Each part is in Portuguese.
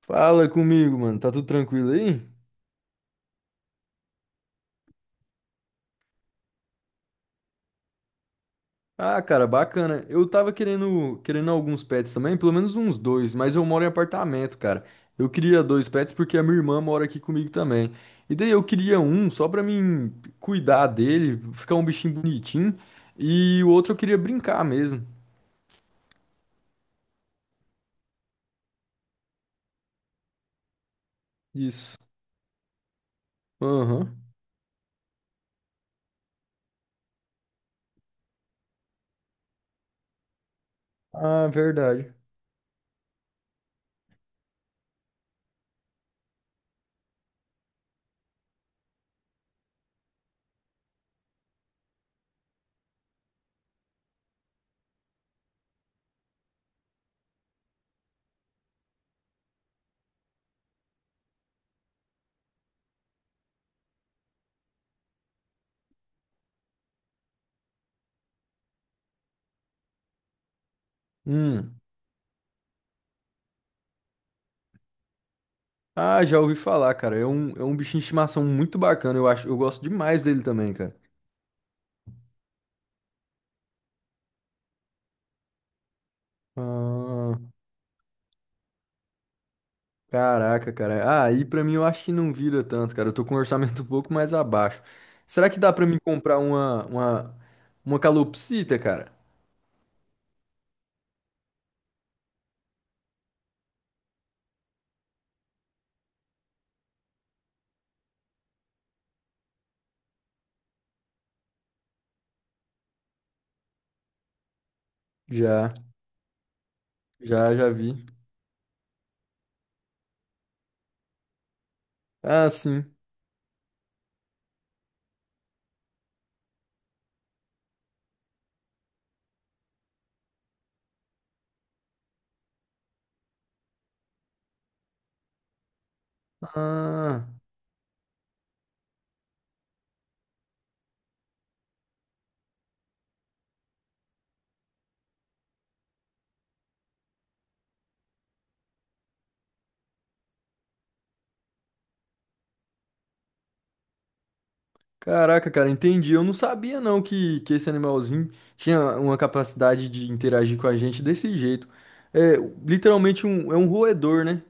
Fala comigo, mano. Tá tudo tranquilo aí? Ah, cara, bacana. Eu tava querendo alguns pets também, pelo menos uns dois, mas eu moro em apartamento, cara. Eu queria dois pets porque a minha irmã mora aqui comigo também. E daí eu queria um só pra mim cuidar dele, ficar um bichinho bonitinho, e o outro eu queria brincar mesmo. Isso. Aham. Ah, verdade. Hum. Ah, já ouvi falar, cara. É um bichinho de estimação muito bacana. Eu acho, eu gosto demais dele também, cara. Ah. Caraca, cara. Ah, e pra mim eu acho que não vira tanto, cara. Eu tô com um orçamento um pouco mais abaixo. Será que dá pra mim comprar uma calopsita, cara? Já, já vi. Ah, sim. Ah, caraca, cara, entendi. Eu não sabia não que esse animalzinho tinha uma capacidade de interagir com a gente desse jeito. É, literalmente é um roedor, né?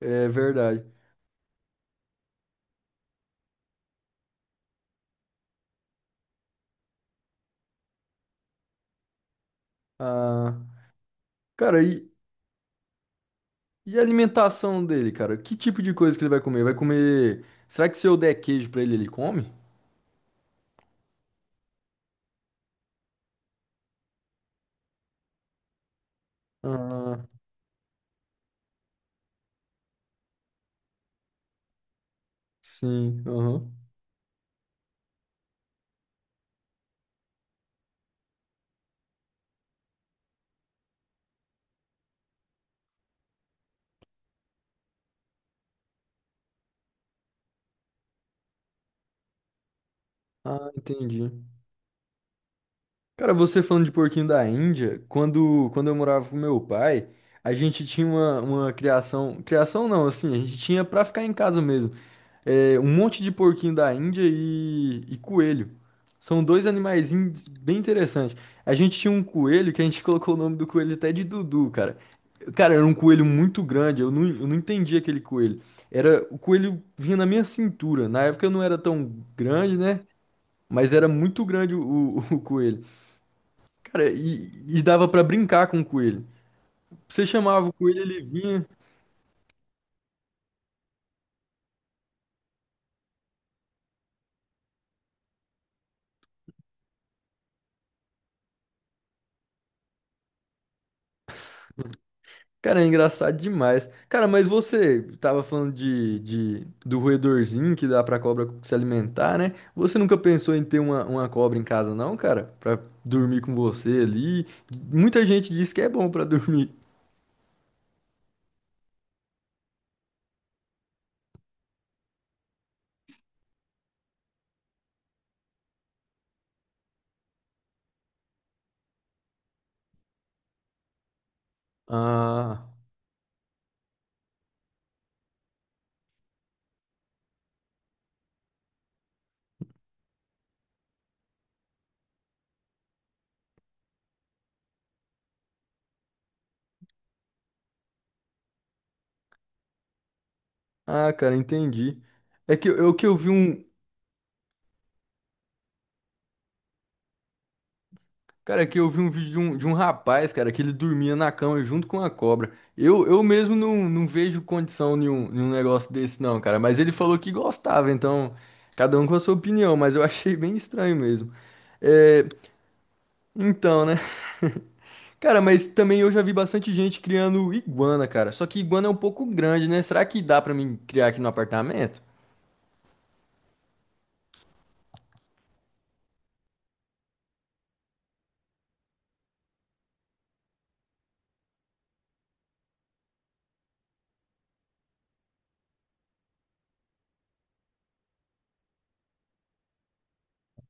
É verdade. Ah, cara, e a alimentação dele, cara? Que tipo de coisa que ele vai comer? Vai comer. Será que se eu der queijo pra ele, ele come? Ah, sim, aham. Ah, entendi. Cara, você falando de porquinho da Índia, quando eu morava com meu pai, a gente tinha uma criação. Criação não, assim, a gente tinha pra ficar em casa mesmo. É, um monte de porquinho da Índia e coelho. São dois animaizinhos bem interessantes. A gente tinha um coelho que a gente colocou o nome do coelho até de Dudu, cara. Cara, era um coelho muito grande, eu não entendi aquele coelho. Era, o coelho vinha na minha cintura. Na época eu não era tão grande, né? Mas era muito grande o coelho. Cara, e dava pra brincar com o coelho. Você chamava o coelho, ele vinha. Cara, é engraçado demais. Cara, mas você tava falando de- do roedorzinho que dá pra cobra se alimentar, né? Você nunca pensou em ter uma cobra em casa, não, cara? Pra dormir com você ali? Muita gente diz que é bom pra dormir. Ah, ah, cara, entendi. É que eu vi um. Cara, aqui eu vi um vídeo de um rapaz, cara, que ele dormia na cama junto com a cobra. Eu mesmo não, não vejo condição nenhum negócio desse, não, cara. Mas ele falou que gostava, então, cada um com a sua opinião, mas eu achei bem estranho mesmo. É, então, né? Cara, mas também eu já vi bastante gente criando iguana, cara. Só que iguana é um pouco grande, né? Será que dá pra mim criar aqui no apartamento?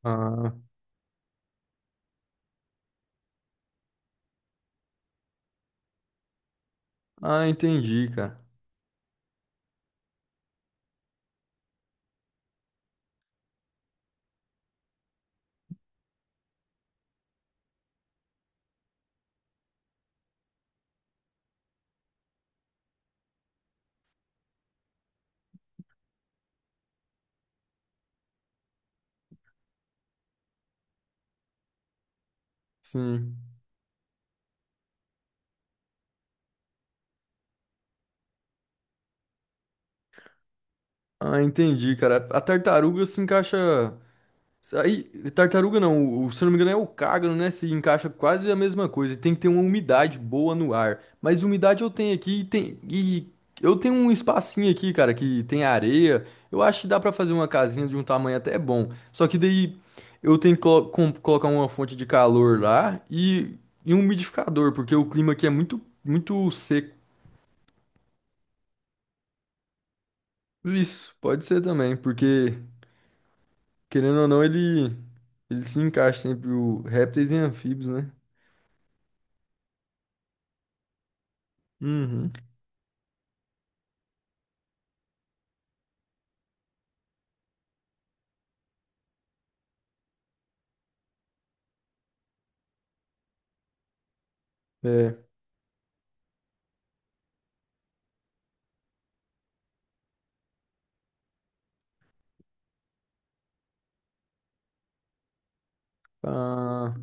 Ah, ah, entendi, cara. Sim. Ah, entendi, cara. A tartaruga se encaixa. Aí, tartaruga não, o, se eu não me engano é o cágano, né? Se encaixa quase a mesma coisa. Tem que ter uma umidade boa no ar. Mas umidade eu tenho aqui e tem e eu tenho um espacinho aqui, cara, que tem areia. Eu acho que dá pra fazer uma casinha de um tamanho até bom. Só que daí eu tenho que colocar uma fonte de calor lá e um umidificador, porque o clima aqui é muito seco. Isso, pode ser também, porque querendo ou não ele se encaixa sempre o répteis e anfíbios, né? Uhum. É. Ah,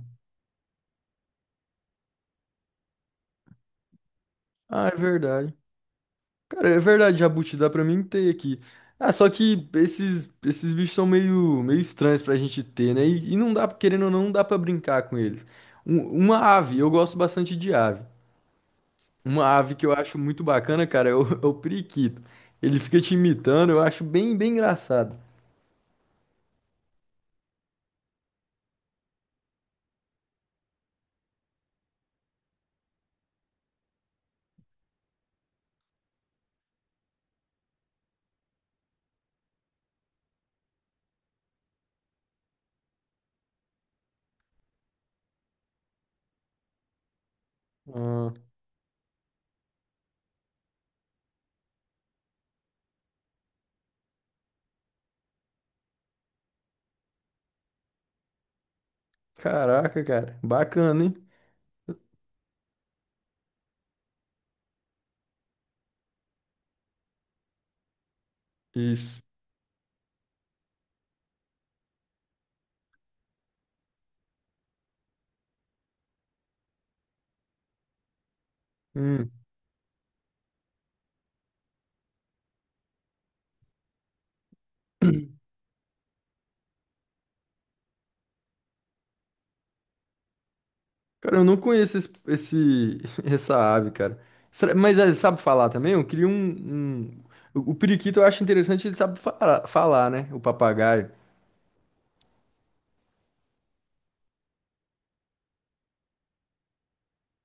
ah, é verdade. Cara, é verdade, jabuti, dá pra mim ter aqui. Ah, só que esses bichos são meio estranhos pra gente ter, né? E não dá, querendo ou não, não dá pra brincar com eles. Um- uma ave, eu gosto bastante de ave. Uma ave que eu acho muito bacana, cara, é o, é o periquito. Ele fica te imitando, eu acho bem, bem engraçado. Ah, caraca, cara, bacana, hein? Isso. Hum. Cara, eu não conheço essa ave, cara. Será- Mas ele sabe falar também? Eu queria um, um- O o periquito eu acho interessante, ele sabe fala- falar, né? O papagaio.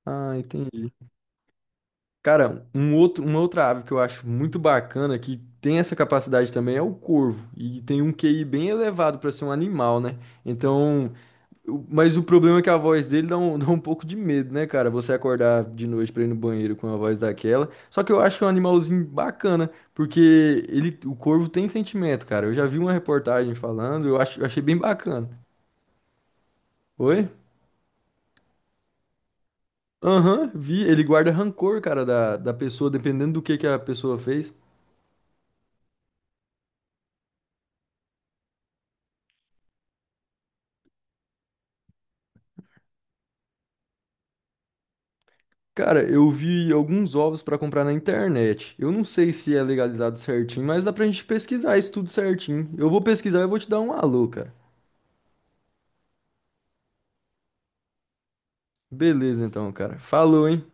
Ah, entendi. Cara, uma outra ave que eu acho muito bacana, que tem essa capacidade também, é o corvo. E tem um QI bem elevado para ser um animal, né? Então, O- Mas o problema é que a voz dele dá um, dá um pouco de medo, né, cara? Você acordar de noite pra ir no banheiro com uma voz daquela. Só que eu acho um animalzinho bacana, porque ele, o corvo tem sentimento, cara. Eu já vi uma reportagem falando, eu acho, eu achei bem bacana. Oi? Aham, vi. Ele guarda rancor, cara, da pessoa, dependendo do que a pessoa fez. Cara, eu vi alguns ovos pra comprar na internet. Eu não sei se é legalizado certinho, mas dá pra gente pesquisar isso tudo certinho. Eu vou pesquisar e eu vou te dar um alô, cara. Beleza, então, cara. Falou, hein?